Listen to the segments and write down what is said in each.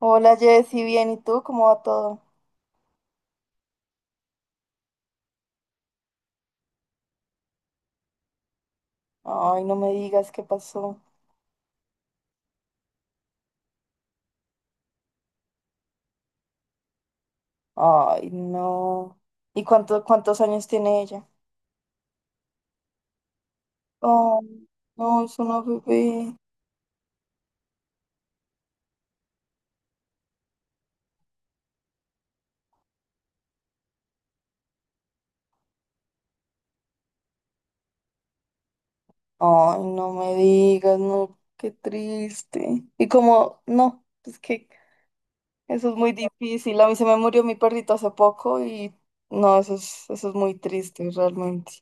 Hola Jessy, bien, ¿y tú? ¿Cómo va todo? Ay, no me digas, ¿qué pasó? Ay, no. ¿Y cuántos años tiene ella? Oh, no, es una bebé. Ay, no me digas, no, qué triste. Y como, no, es que eso es muy difícil. A mí se me murió mi perrito hace poco y no, eso es muy triste realmente.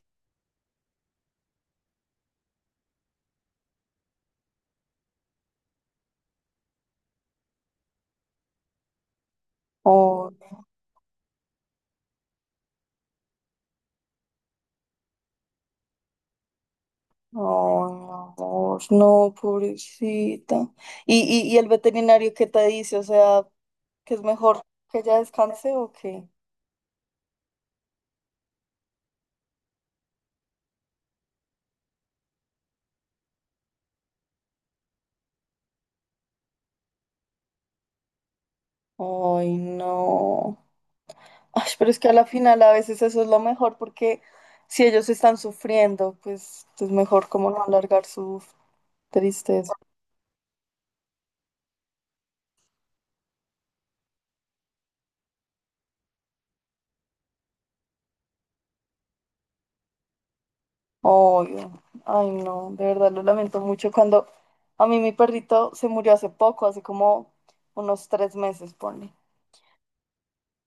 Oh, no, mi amor, no, pobrecita. ¿Y, y el veterinario qué te dice? O sea, ¿que es mejor que ella descanse o qué? Ay, no. Ay, pero es que a la final a veces eso es lo mejor porque si ellos están sufriendo, pues es mejor como no alargar su tristeza. Obvio. Ay, no, de verdad lo lamento mucho. Cuando a mí mi perrito se murió hace poco, hace como unos 3 meses, pone.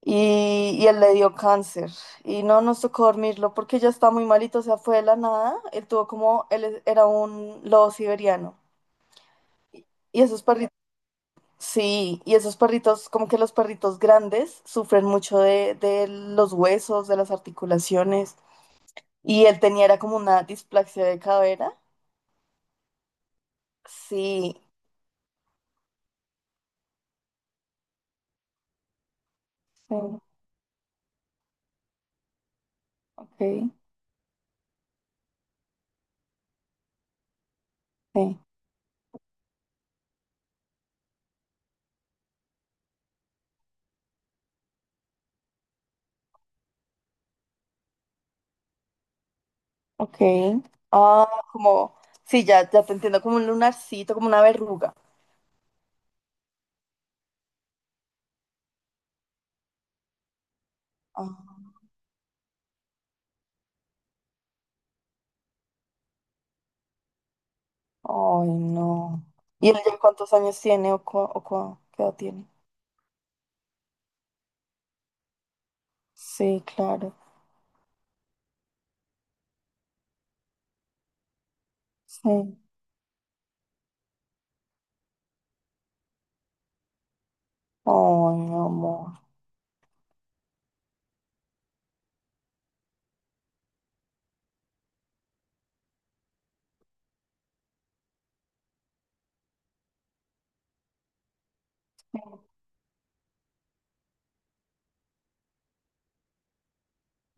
Y él le dio cáncer y no nos tocó dormirlo porque ya está muy malito, o sea, fue de la nada. Él tuvo como, él era un lobo siberiano. Y esos perritos, sí, y esos perritos, como que los perritos grandes sufren mucho de, los huesos, de las articulaciones. Y él tenía, era como una displasia de cadera. Sí, sí, ok, sí, ok. Ah, como, sí, ya, ya te entiendo, como un lunarcito, como una verruga. Ah, ay, no. ¿Y él ya cuántos años tiene o qué edad tiene? Sí, claro. Sí. Ay, mi amor.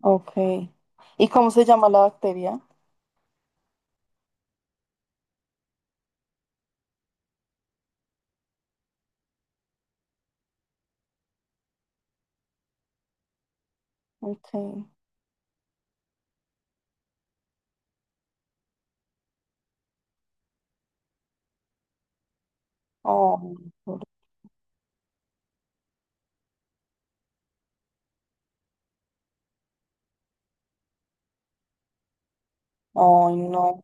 Ok. ¿Y cómo se llama la bacteria? Okay. Oh, pobre- ay, no.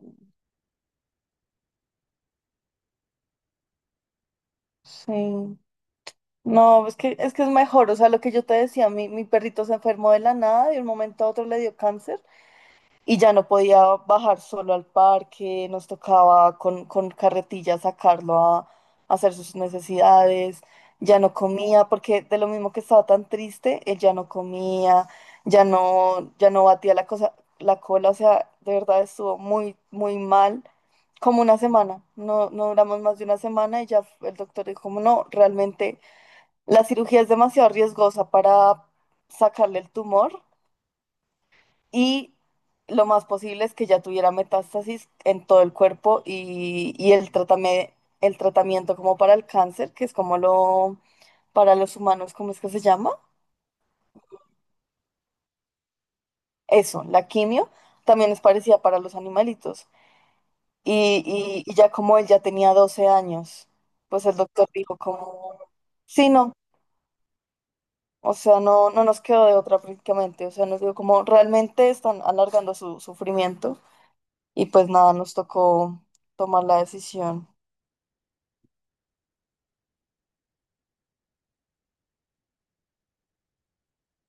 Sí. No, es que es mejor. O sea, lo que yo te decía, mi perrito se enfermó de la nada, de un momento a otro le dio cáncer. Y ya no podía bajar solo al parque, nos tocaba con carretilla sacarlo a hacer sus necesidades, ya no comía, porque de lo mismo que estaba tan triste, él ya no comía, ya no, ya no batía la cosa, la cola, o sea, de verdad estuvo muy, muy mal, como una semana, no, no duramos más de una semana y ya el doctor dijo, como no, realmente la cirugía es demasiado riesgosa para sacarle el tumor y lo más posible es que ya tuviera metástasis en todo el cuerpo y el tratamiento como para el cáncer, que es como lo para los humanos, ¿cómo es que se llama? Eso, la quimio, también es parecida para los animalitos. Y, y ya como él ya tenía 12 años, pues el doctor dijo como, sí, no, o sea, no, no nos quedó de otra prácticamente, o sea, nos dijo como, realmente están alargando su sufrimiento y pues nada, nos tocó tomar la decisión.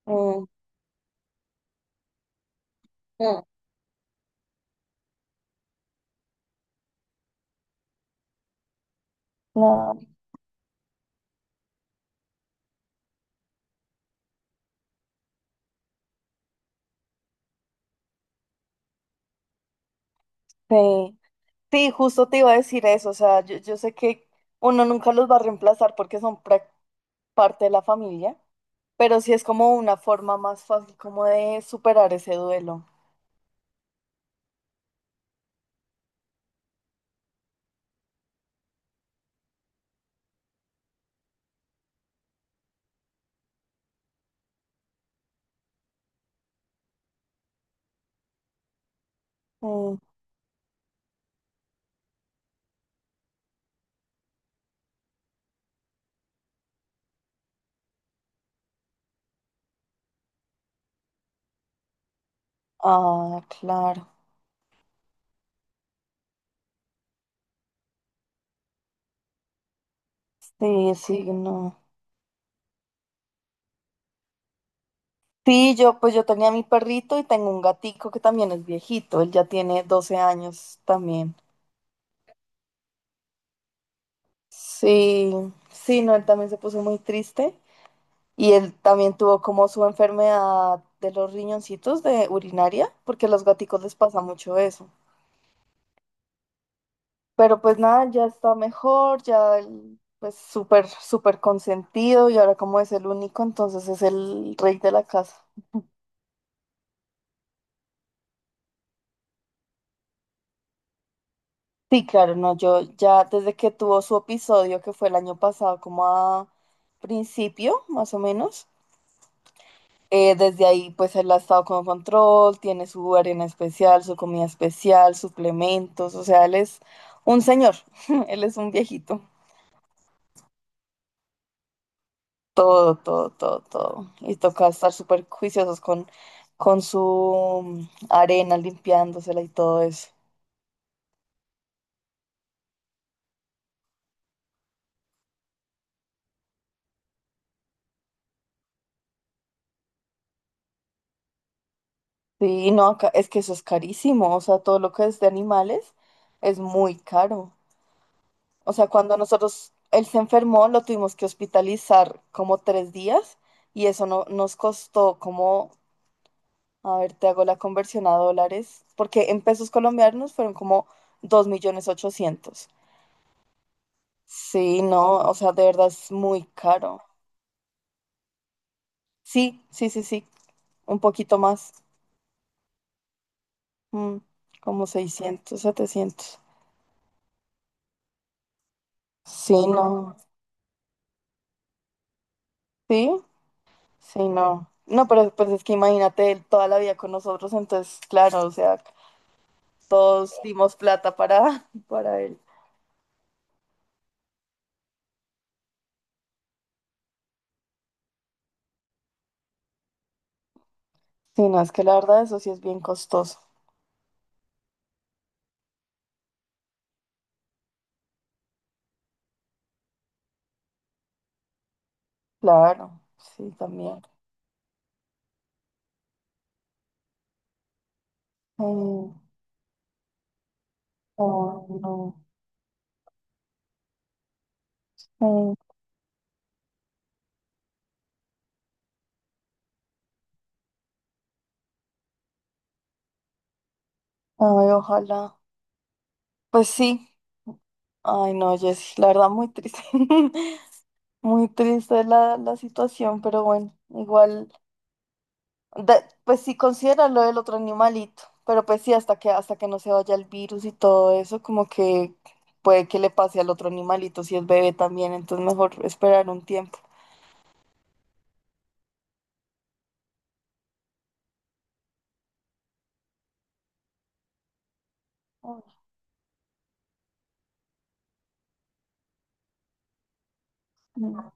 Mm, mm. No, sí. Sí, justo te iba a decir eso. O sea, yo sé que uno nunca los va a reemplazar porque son parte de la familia, pero sí es como una forma más fácil como de superar ese duelo. Mm. Ah, claro. Sí, sí, no. Sí, yo pues yo tenía mi perrito y tengo un gatico que también es viejito. Él ya tiene 12 años también. Sí, sí, no, él también se puso muy triste. Y él también tuvo como su enfermedad de los riñoncitos de urinaria, porque a los gaticos les pasa mucho eso. Pero pues nada, ya está mejor, ya él, pues súper, súper consentido y ahora como es el único, entonces es el rey de la casa. Sí, claro, no, yo ya desde que tuvo su episodio, que fue el año pasado, como a principio, más o menos. Desde ahí, pues él ha estado con control, tiene su arena especial, su comida especial, suplementos, o sea, él es un señor, él es un viejito. Todo, todo, todo, todo. Y toca estar súper juiciosos con su arena, limpiándosela y todo eso. Sí, no, es que eso es carísimo, o sea, todo lo que es de animales es muy caro. O sea, cuando nosotros, él se enfermó, lo tuvimos que hospitalizar como 3 días y eso no, nos costó como. A ver, te hago la conversión a dólares, porque en pesos colombianos fueron como 2.800.000. Sí, no, o sea, de verdad es muy caro. Sí, sí, sí, sí, un poquito más, mm, como 600 700. Sí, no, sí, sí, no. No, pero pues es que imagínate, él toda la vida con nosotros, entonces, claro, o sea, todos dimos plata para, para él. Sí, no, es que la verdad eso sí es bien costoso. Claro, sí, también. Mm. Oh, no. Mm. Ay, ojalá. Pues sí. Ay, no, Jessy, la verdad, muy triste. Muy triste la situación, pero bueno, igual, pues sí, considera lo del otro animalito, pero pues sí, hasta que no se vaya el virus y todo eso, como que puede que le pase al otro animalito si es bebé también, entonces mejor esperar un tiempo. Ay, no.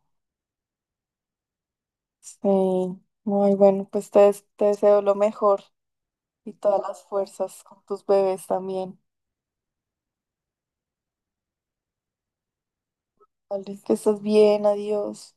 Sí, muy bueno, pues te deseo lo mejor y todas las fuerzas con tus bebés también. Vale, que estás bien, adiós.